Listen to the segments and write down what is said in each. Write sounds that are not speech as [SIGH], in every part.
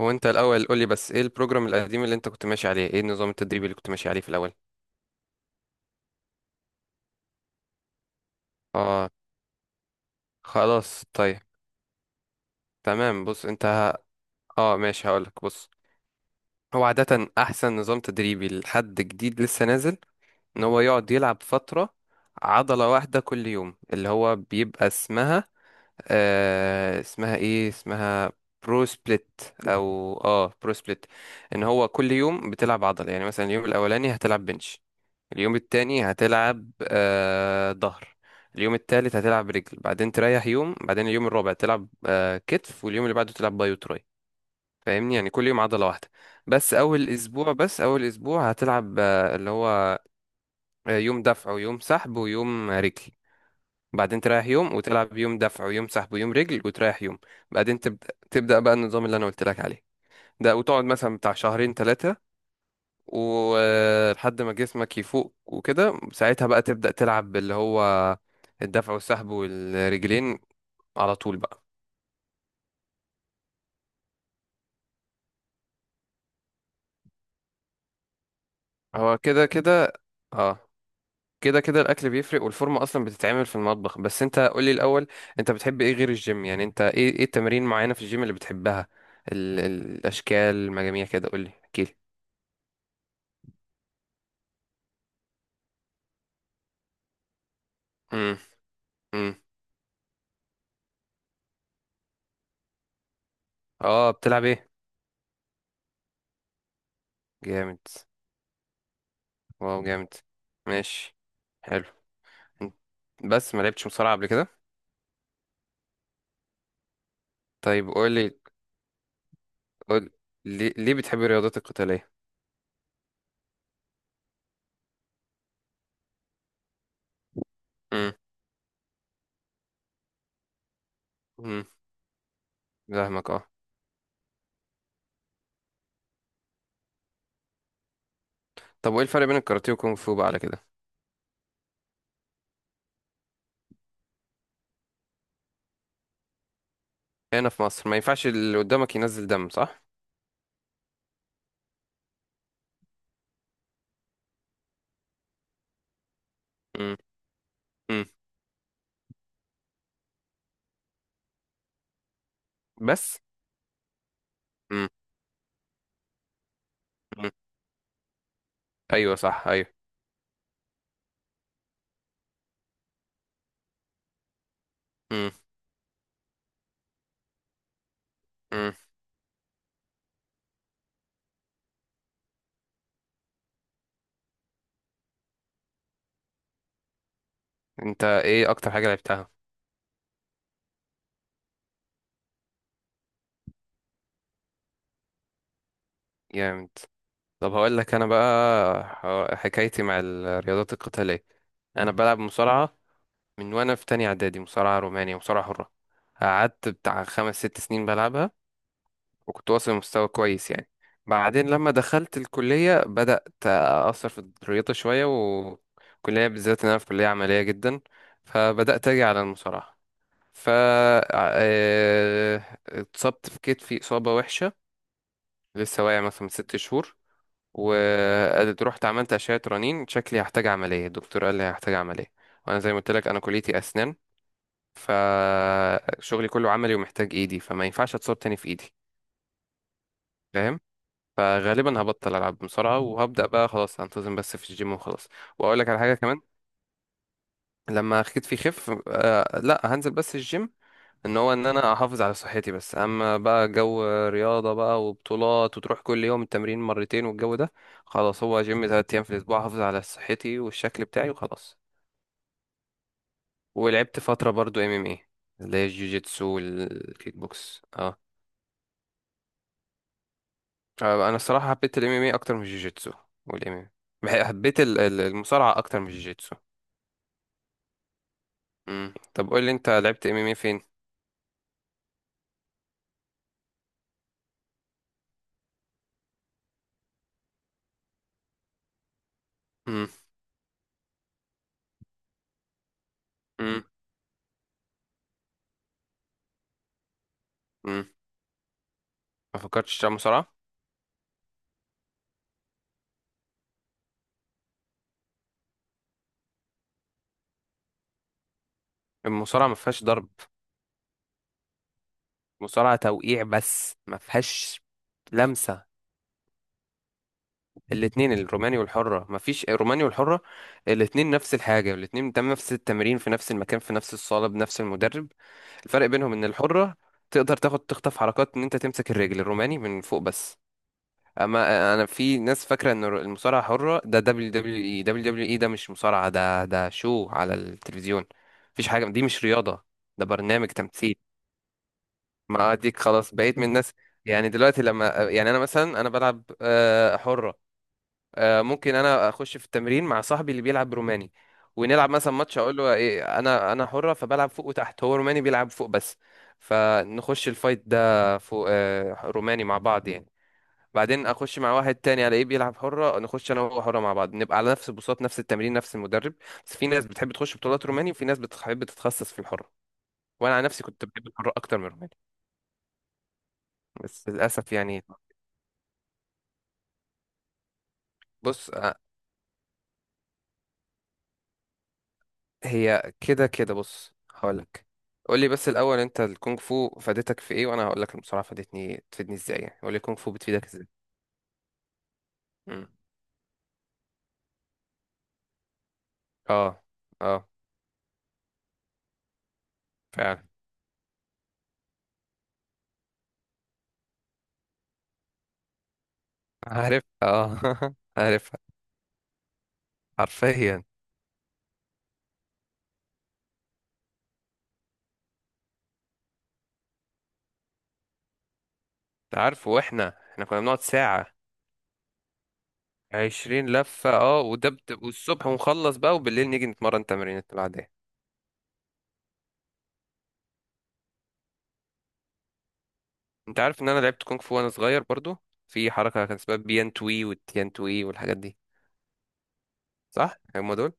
هو انت الاول قول لي بس ايه البروجرام القديم اللي انت كنت ماشي عليه، ايه النظام التدريبي اللي كنت ماشي عليه في الاول؟ اه خلاص طيب. تمام، بص انت ماشي هقولك. بص، هو عادة احسن نظام تدريبي لحد جديد لسه نازل ان هو يقعد يلعب فترة عضلة واحدة كل يوم، اللي هو بيبقى اسمها آه اسمها ايه اسمها برو سبليت، او برو سبليت. ان هو كل يوم بتلعب عضلة، يعني مثلا اليوم الاولاني هتلعب بنش، اليوم التاني هتلعب ظهر، اليوم التالت هتلعب رجل، بعدين تريح يوم، بعدين اليوم الرابع تلعب كتف، واليوم اللي بعده تلعب باي وتراي. فاهمني؟ يعني كل يوم عضلة واحدة. بس أول أسبوع هتلعب اللي هو يوم دفع ويوم سحب ويوم رجل، بعدين تريح يوم وتلعب يوم دفع ويوم سحب ويوم رجل وتريح يوم. بعدين تبدأ بقى النظام اللي أنا قلت لك عليه ده، وتقعد مثلا بتاع شهرين ثلاثة، ولحد ما جسمك يفوق وكده، ساعتها بقى تبدأ تلعب باللي هو الدفع والسحب والرجلين على طول بقى. هو كده كده، اه كده كده الاكل بيفرق، والفورمه اصلا بتتعمل في المطبخ. بس انت قولي الاول، انت بتحب ايه غير الجيم؟ يعني انت ايه التمارين معينه في الجيم اللي بتحبها؟ ال الاشكال المجاميع كده، قولي احكيلي. امم. امم. اه بتلعب ايه؟ جامد. واو جامد. ماشي. حلو. بس ما لعبتش مصارعه قبل كده؟ طيب قولي. قول ليه, بتحب الرياضات القتالية؟ امم. امم. فاهمك اه. طب وايه الفرق بين الكاراتيه والكونغ فو بقى على كده؟ هنا في مصر ما ينفعش اللي قدامك ينزل دم، صح؟ امم. امم بس. امم. امم. ايوه صح ايوه. امم. امم. انت ايه اكتر حاجة لعبتها؟ جامد. طب هقول لك انا بقى حكايتي مع الرياضات القتالية. انا بلعب مصارعة من وانا في تانية اعدادي، مصارعة رومانية، مصارعة حرة. قعدت بتاع خمس ست سنين بلعبها، وكنت واصل لمستوى كويس يعني. بعدين لما دخلت الكلية بدأت أثر في الرياضة شوية، والكلية بالذات إن أنا في كلية عملية جدا، فبدأت أجي على المصارعة. ف اتصبت في كتفي إصابة وحشة، لسه واقع مثلا من ست شهور. ورحت عملت أشعة رنين، شكلي هحتاج عملية، الدكتور قال لي هحتاج عملية. وأنا زي ما قلت لك أنا كليتي أسنان، فشغلي كله عملي ومحتاج إيدي، فما ينفعش أتصاب تاني في إيدي. فاهم؟ فغالبا هبطل العب بسرعه وهبدا بقى خلاص انتظم بس في الجيم وخلاص. واقول لك على حاجه كمان، لما خدتي يخف لا هنزل بس الجيم. ان هو ان انا احافظ على صحتي بس، اما بقى جو رياضه بقى وبطولات وتروح كل يوم التمرين مرتين والجو ده، خلاص، هو جيم ثلاث ايام في الاسبوع احافظ على صحتي والشكل بتاعي وخلاص. ولعبت فتره برضو ام ام اي، اللي هي الجوجيتسو والكيك بوكس اه. انا الصراحه حبيت الام ام اي اكتر من الجوجيتسو. والام ام اي، حبيت ال- ال- المصارعه اكتر من الجوجيتسو. مم. طب قول لي انت لعبت ام ام اي فين؟ مم. مم. مم. ما فكرتش تلعب مصارعه؟ المصارعه ما فيهاش ضرب. المصارعه توقيع بس، ما فيهاش لمسه. الاثنين الروماني والحره، ما فيش، الروماني والحره الاثنين نفس الحاجه، الاثنين بتعمل نفس التمرين في نفس المكان في نفس الصاله بنفس المدرب. الفرق بينهم ان الحره تقدر تاخد تخطف حركات، ان انت تمسك الرجل. الروماني من فوق بس. اما انا، في ناس فاكره ان المصارعه حره ده دبليو دبليو اي، دبليو دبليو اي ده مش مصارعه، ده شو على التلفزيون، مفيش حاجه دي مش رياضه، ده برنامج تمثيل. ما اديك خلاص بقيت من الناس. يعني دلوقتي لما، يعني انا مثلا انا بلعب حره، ممكن انا اخش في التمرين مع صاحبي اللي بيلعب روماني، ونلعب مثلا ماتش اقول له ايه انا حره فبلعب فوق وتحت، هو روماني بيلعب فوق بس، فنخش الفايت ده فوق روماني مع بعض يعني. بعدين اخش مع واحد تاني الاقيه بيلعب حره، نخش انا وهو حره مع بعض، نبقى على نفس البساط نفس التمرين نفس المدرب. بس في ناس بتحب تخش بطولات روماني، وفي ناس بتحب تتخصص في الحره. وانا على نفسي كنت بحب الحره اكتر من الروماني. بس للاسف يعني. بص هي كده كده. بص هقولك، قول لي بس الاول انت الكونغ فو فادتك في ايه، وانا هقول لك المصارعه فادتني، تفيدني ازاي يعني، قول لي الكونغ فو بتفيدك ازاي. مم. اه. اه. فعلا. عارف اه [LAUGHS] عارف. حرفيا. عارف. واحنا كنا بنقعد ساعه، عشرين لفة اه، وده والصبح، ونخلص بقى وبالليل نيجي نتمرن تمرين العادية. انت عارف ان انا لعبت كونغ فو وانا صغير برضو؟ في حركة كان اسمها بيان توي والتيان توي والحاجات دي، صح هم دول؟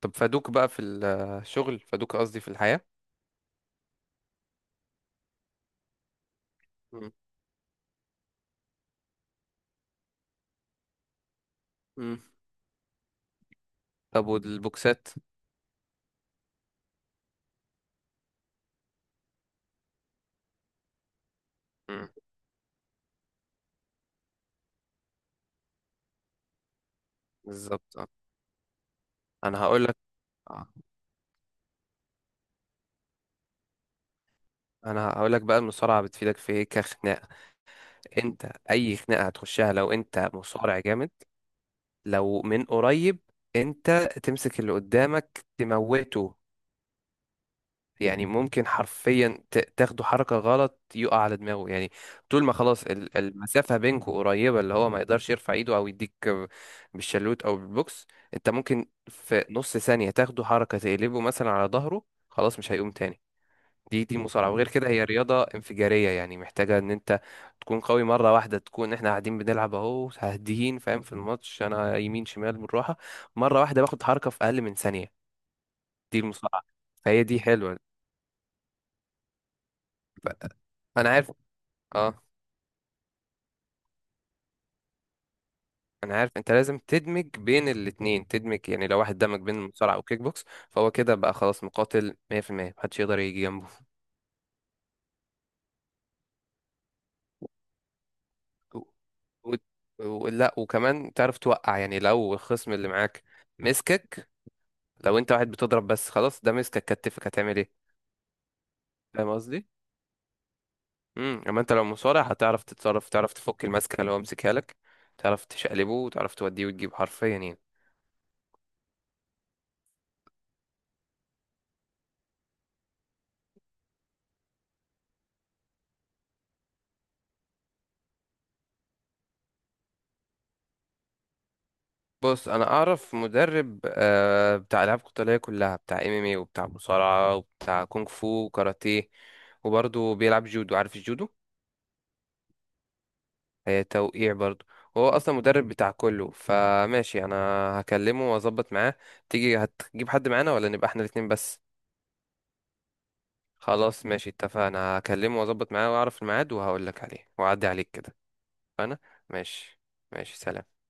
طب فادوك بقى في الشغل، فادوك قصدي في الحياة؟ مم. مم. طب والبوكسات؟ مم. بالظبط اه. انا هقول لك، انا هقول لك بقى المصارعة بتفيدك في ايه كخناقة. انت اي خناقة هتخشها لو انت مصارع جامد، لو من قريب، انت تمسك اللي قدامك تموته، يعني ممكن حرفيا تاخدوا حركة غلط يقع على دماغه يعني. طول ما خلاص المسافة بينكوا قريبة، اللي هو ما يقدرش يرفع ايده او يديك بالشلوت او بالبوكس، انت ممكن في نص ثانية تاخدوا حركة تقلبه مثلا على ظهره، خلاص مش هيقوم تاني. دي مصارعة. وغير كده هي رياضة انفجارية، يعني محتاجة ان انت تكون قوي مرة واحدة. تكون احنا قاعدين بنلعب اهو هاديين فاهم، في الماتش انا يمين شمال بالراحة، مرة واحدة باخد حركة في اقل من ثانية. دي المصارعة، فهي دي حلوة. ف- انا عارف اه، انا عارف، انت لازم تدمج بين الاتنين. تدمج يعني، لو واحد دمج بين المصارعه وكيك بوكس فهو كده بقى خلاص مقاتل، 100% محدش يقدر يجي جنبه. و... لا وكمان تعرف توقع، يعني لو الخصم اللي معاك مسكك، لو انت واحد بتضرب بس، خلاص ده مسكك كتفك هتعمل ايه؟ فاهم قصدي؟ امم، اما انت لو مصارع هتعرف تتصرف، تعرف تفك الماسكه اللي هو مسكها لك، تعرف تشقلبه وتعرف توديه وتجيب حرفيا يعني. بص انا اعرف مدرب بتاع العاب قتاليه كلها، بتاع ام ام اي وبتاع مصارعه وبتاع كونغ فو وكاراتيه، وبرضه بيلعب جودو، عارف الجودو؟ هي توقيع برضه. هو اصلا مدرب بتاع كله، فماشي انا هكلمه واظبط معاه. تيجي هتجيب حد معانا ولا نبقى احنا الاتنين بس؟ خلاص ماشي اتفقنا، هكلمه واظبط معاه واعرف الميعاد وهقول لك عليه واعدي عليك كده. انا ماشي. ماشي سلام.